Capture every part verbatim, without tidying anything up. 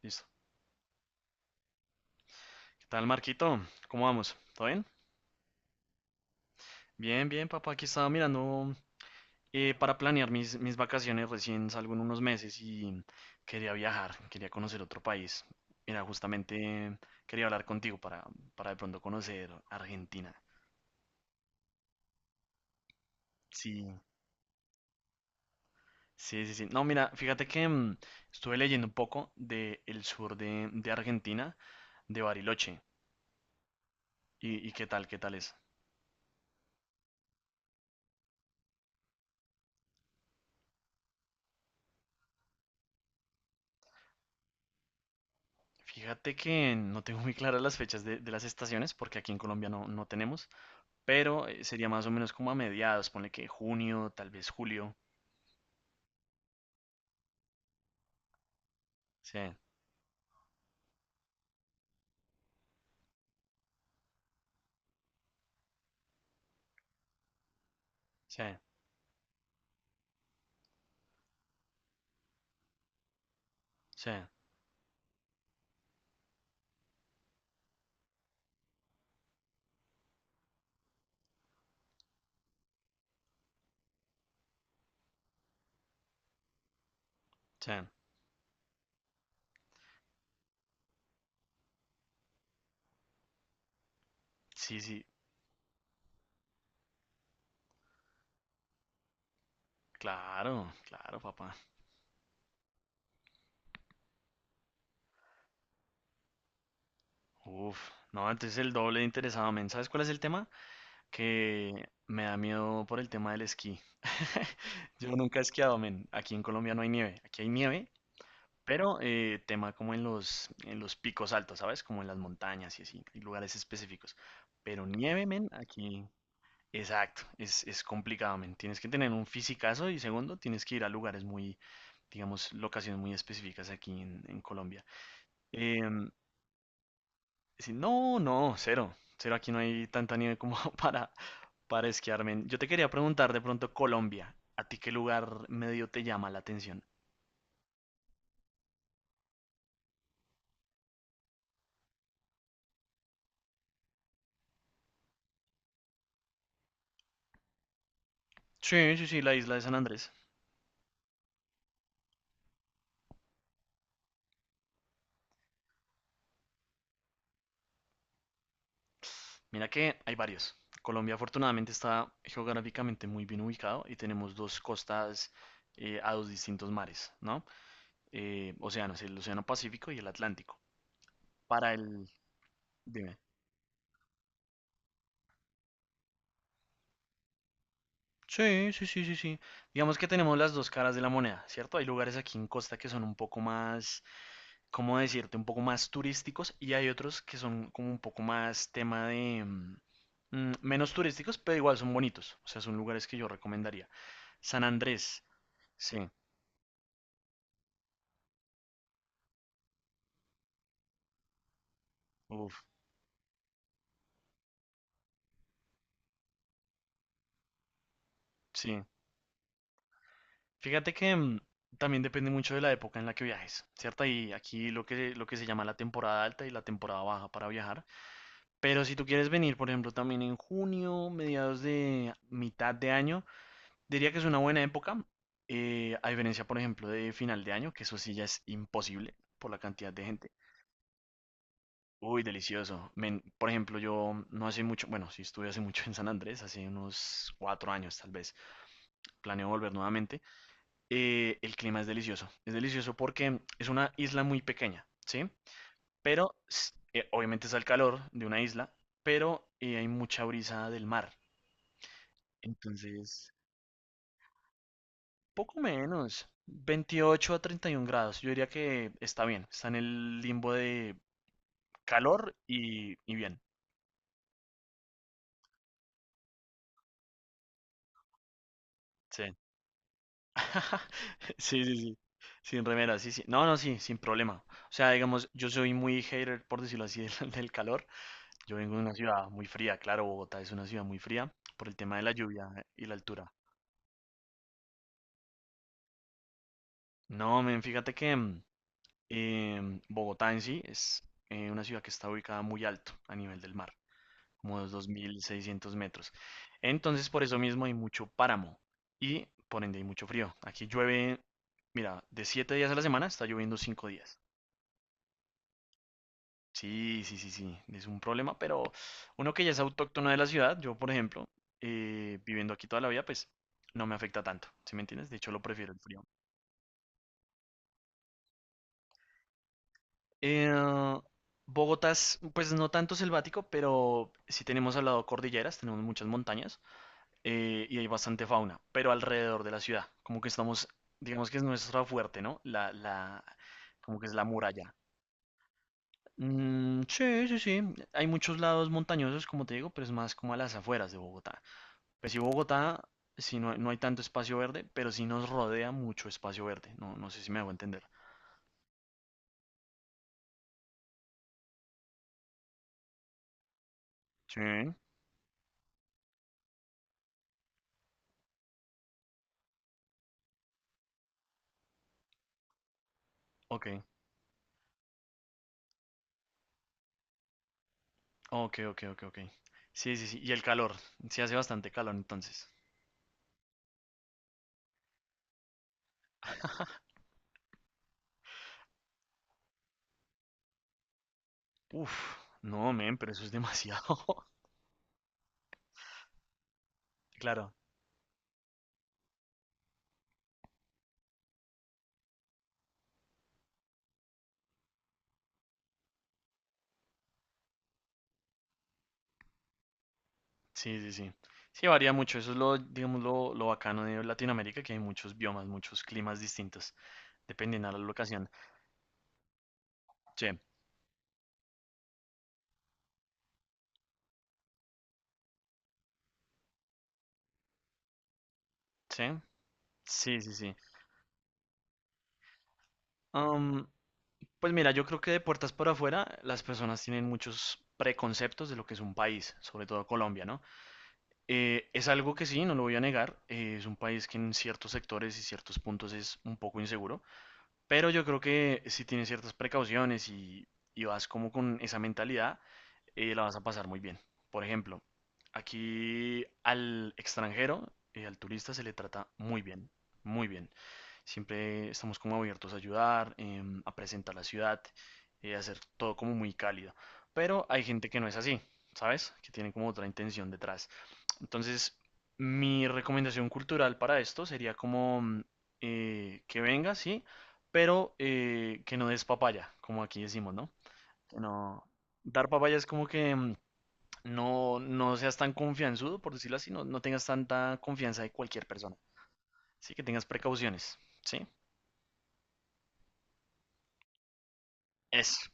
Listo. ¿Qué tal, Marquito? ¿Cómo vamos? ¿Todo bien? Bien, bien, papá. Aquí estaba mirando eh, para planear mis, mis vacaciones. Recién salgo en unos meses y quería viajar, quería conocer otro país. Mira, justamente quería hablar contigo para, para de pronto conocer Argentina. Sí, sí, sí, sí. No, mira, fíjate que mm, estuve leyendo un poco de el sur de, de Argentina, de Bariloche. ¿Y, y qué tal, qué tal es? Fíjate que no tengo muy claras las fechas de, de las estaciones, porque aquí en Colombia no, no tenemos. pero eh, sería más o menos como a mediados, ponle que junio, tal vez julio. Sí, sí, sí, sí. Sí, sí, claro, claro, papá. Uf, no, entonces el doble de interesado, men. ¿Sabes cuál es el tema? Que me da miedo por el tema del esquí. Yo nunca he esquiado, men. Aquí en Colombia no hay nieve. Aquí hay nieve, pero eh, tema como en los, en los picos altos, ¿sabes? Como en las montañas y así, y lugares específicos. Pero nieve, men, aquí. Exacto, es, es complicado, men. Tienes que tener un fisicazo y segundo, tienes que ir a lugares muy, digamos, locaciones muy específicas aquí en, en Colombia. Em, sí, no, no, cero, cero, aquí no hay tanta nieve como para, para esquiar, men. Yo te quería preguntar de pronto, Colombia, ¿a ti qué lugar medio te llama la atención? Sí, sí, sí, la isla de San Andrés. Mira que hay varios. Colombia afortunadamente está geográficamente muy bien ubicado y tenemos dos costas, eh, a dos distintos mares, ¿no? Eh, océanos, el Océano Pacífico y el Atlántico. Para el. Dime. Sí, sí, sí, sí, sí. Digamos que tenemos las dos caras de la moneda, ¿cierto? Hay lugares aquí en Costa que son un poco más, ¿cómo decirte? Un poco más turísticos y hay otros que son como un poco más tema de, mm, mm, menos turísticos, pero igual son bonitos. O sea, son lugares que yo recomendaría. San Andrés, sí. Uf, sí. Fíjate que mm, también depende mucho de la época en la que viajes, ¿cierto? Y aquí lo que, lo que se llama la temporada alta y la temporada baja para viajar. Pero si tú quieres venir, por ejemplo, también en junio, mediados de mitad de año, diría que es una buena época, eh, a diferencia, por ejemplo, de final de año, que eso sí ya es imposible por la cantidad de gente. Uy, delicioso. Men, por ejemplo, yo no hace mucho, bueno, sí estuve hace mucho en San Andrés, hace unos cuatro años tal vez. Planeo volver nuevamente. Eh, el clima es delicioso. Es delicioso porque es una isla muy pequeña, ¿sí? Pero s- eh, obviamente está el calor de una isla, pero eh, hay mucha brisa del mar. Entonces, poco menos, veintiocho a 31 grados. Yo diría que está bien, está en el limbo de calor y, y bien. Sí. Sí, sí, sí. Sin remera, sí, sí. No, no, sí, sin problema. O sea, digamos, yo soy muy hater, por decirlo así, del, del calor. Yo vengo de una ciudad muy fría, claro, Bogotá es una ciudad muy fría por el tema de la lluvia y la altura. No, men, fíjate que mm, em, Bogotá en sí es eh, una ciudad que está ubicada muy alto a nivel del mar, como los dos mil seiscientos metros. Entonces, por eso mismo hay mucho páramo y por ende hay mucho frío. Aquí llueve, mira, de siete días a la semana está lloviendo cinco días. Sí, sí, sí, sí, es un problema, pero uno que ya es autóctono de la ciudad, yo por ejemplo, eh, viviendo aquí toda la vida, pues no me afecta tanto, ¿sí me entiendes? De hecho, lo prefiero el frío. Eh, Bogotá es, pues no tanto selvático, pero sí tenemos al lado cordilleras, tenemos muchas montañas, eh, y hay bastante fauna, pero alrededor de la ciudad, como que estamos, digamos que es nuestra fuerte, ¿no? La, la, como que es la muralla. Mm, sí, sí, sí, hay muchos lados montañosos, como te digo, pero es más como a las afueras de Bogotá. Pues sí, Bogotá, sí no, hay- no hay tanto espacio verde, pero sí nos rodea mucho espacio verde. No, no sé si me hago entender. Sí. Ok, ok, ok, ok, ok. Sí, sí, sí. Y el calor. Sí hace bastante calor entonces. Uf, no, men, pero eso es demasiado. Claro, sí, sí, sí. Sí, varía mucho. Eso es lo, digamos, lo, lo bacano de Latinoamérica, que hay muchos biomas, muchos climas distintos, dependiendo de la locación. Sí, sí, sí, sí, sí. Pues mira, yo creo que de puertas para afuera las personas tienen muchos preconceptos de lo que es un país, sobre todo Colombia, ¿no? Eh, es algo que sí, no lo voy a negar, eh, es un país que en ciertos sectores y ciertos puntos es un poco inseguro, pero yo creo que si tienes ciertas precauciones y, y vas como con esa mentalidad, eh, la vas a pasar muy bien. Por ejemplo, aquí al extranjero, eh, al turista se le trata muy bien, muy bien. Siempre estamos como abiertos a ayudar, em, a presentar la ciudad, eh, a hacer todo como muy cálido. Pero hay gente que no es así, ¿sabes? Que tiene como otra intención detrás. Entonces, mi recomendación cultural para esto sería como mm, eh, que venga, sí, pero eh, que no des papaya, como aquí decimos, ¿no? Que no. Dar papaya es como que mm, no, no seas tan confianzudo, por decirlo así, no, no tengas tanta confianza de cualquier persona. Sí, que tengas precauciones, ¿sí? Eso,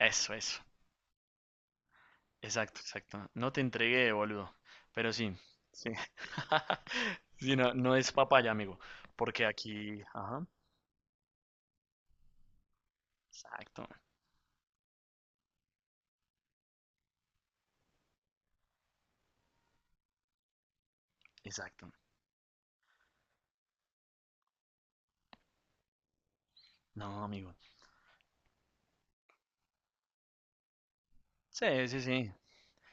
eso, eso. Exacto, exacto. No te entregué, boludo. Pero sí, sí. Sí, no, no es papaya, amigo. Porque aquí, ajá, exacto, exacto. No, amigo. Sí, sí, sí.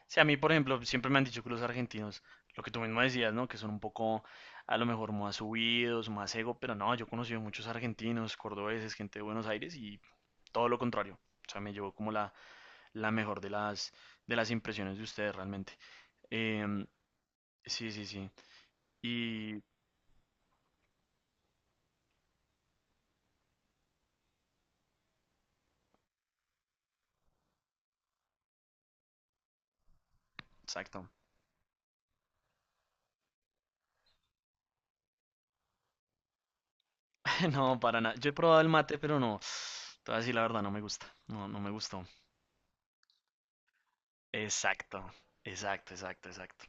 Sí, a mí, por ejemplo, siempre me han dicho que los argentinos, lo que tú mismo decías, ¿no? Que son un poco, a lo mejor, más subidos, más ego, pero no, yo he conocido muchos argentinos, cordobeses, gente de Buenos Aires y todo lo contrario. O sea, me llevó como la, la mejor de las, de las impresiones de ustedes realmente. Em, sí, sí, sí. Y, exacto. No, para nada. Yo he probado el mate, pero no. Te voy a decir la verdad, no me gusta. No, no me gustó. Exacto, exacto, exacto, exacto.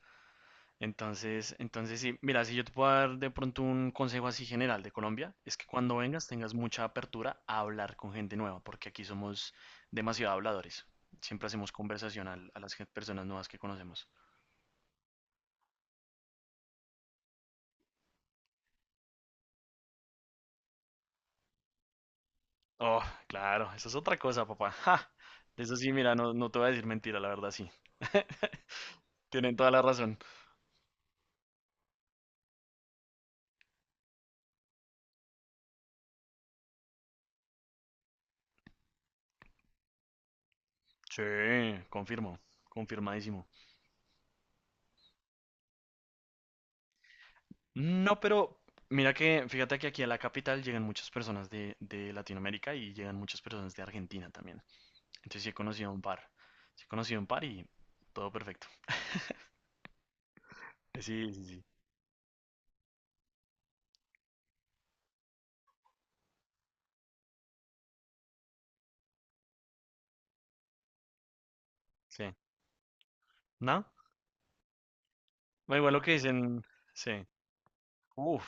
Entonces, entonces sí, mira, si yo te puedo dar de pronto un consejo así general de Colombia, es que cuando vengas tengas mucha apertura a hablar con gente nueva, porque aquí somos demasiado habladores. Siempre hacemos conversación al- a, las gen- personas nuevas que conocemos. Oh, claro, eso es otra cosa, papá. Ja, de eso sí, mira, no, no te voy a decir mentira, la verdad sí. Tienen toda la razón. Sí, confirmo, confirmadísimo. No, pero mira que, fíjate que aquí a la capital llegan muchas personas de, de Latinoamérica y llegan muchas personas de Argentina también. Entonces sí he conocido un par. Sí he conocido un par y todo perfecto. Sí, sí, sí. Sí. ¿No? Bueno, igual lo que dicen. Sí. Uf,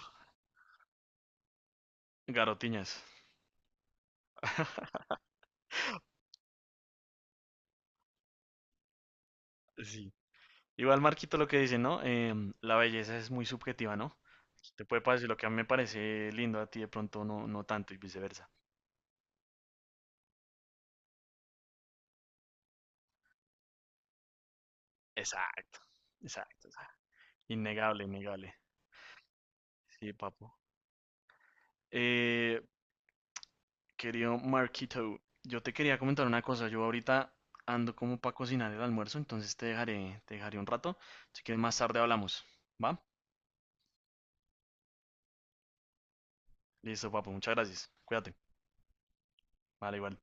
garotiñas. Sí. Igual Marquito lo que dice, ¿no? Em, la belleza es muy subjetiva, ¿no? Te puede parecer lo que a mí me parece lindo a ti de pronto no, no tanto y viceversa. Exacto, exacto, exacto. Innegable, innegable. Sí, papo. Eh, Querido Marquito, yo te quería comentar una cosa. Yo ahorita ando como para cocinar el almuerzo, entonces te dejaré, te dejaré un rato. Si quieres más tarde hablamos, ¿va? Listo, papo, muchas gracias. Cuídate. Vale, igual.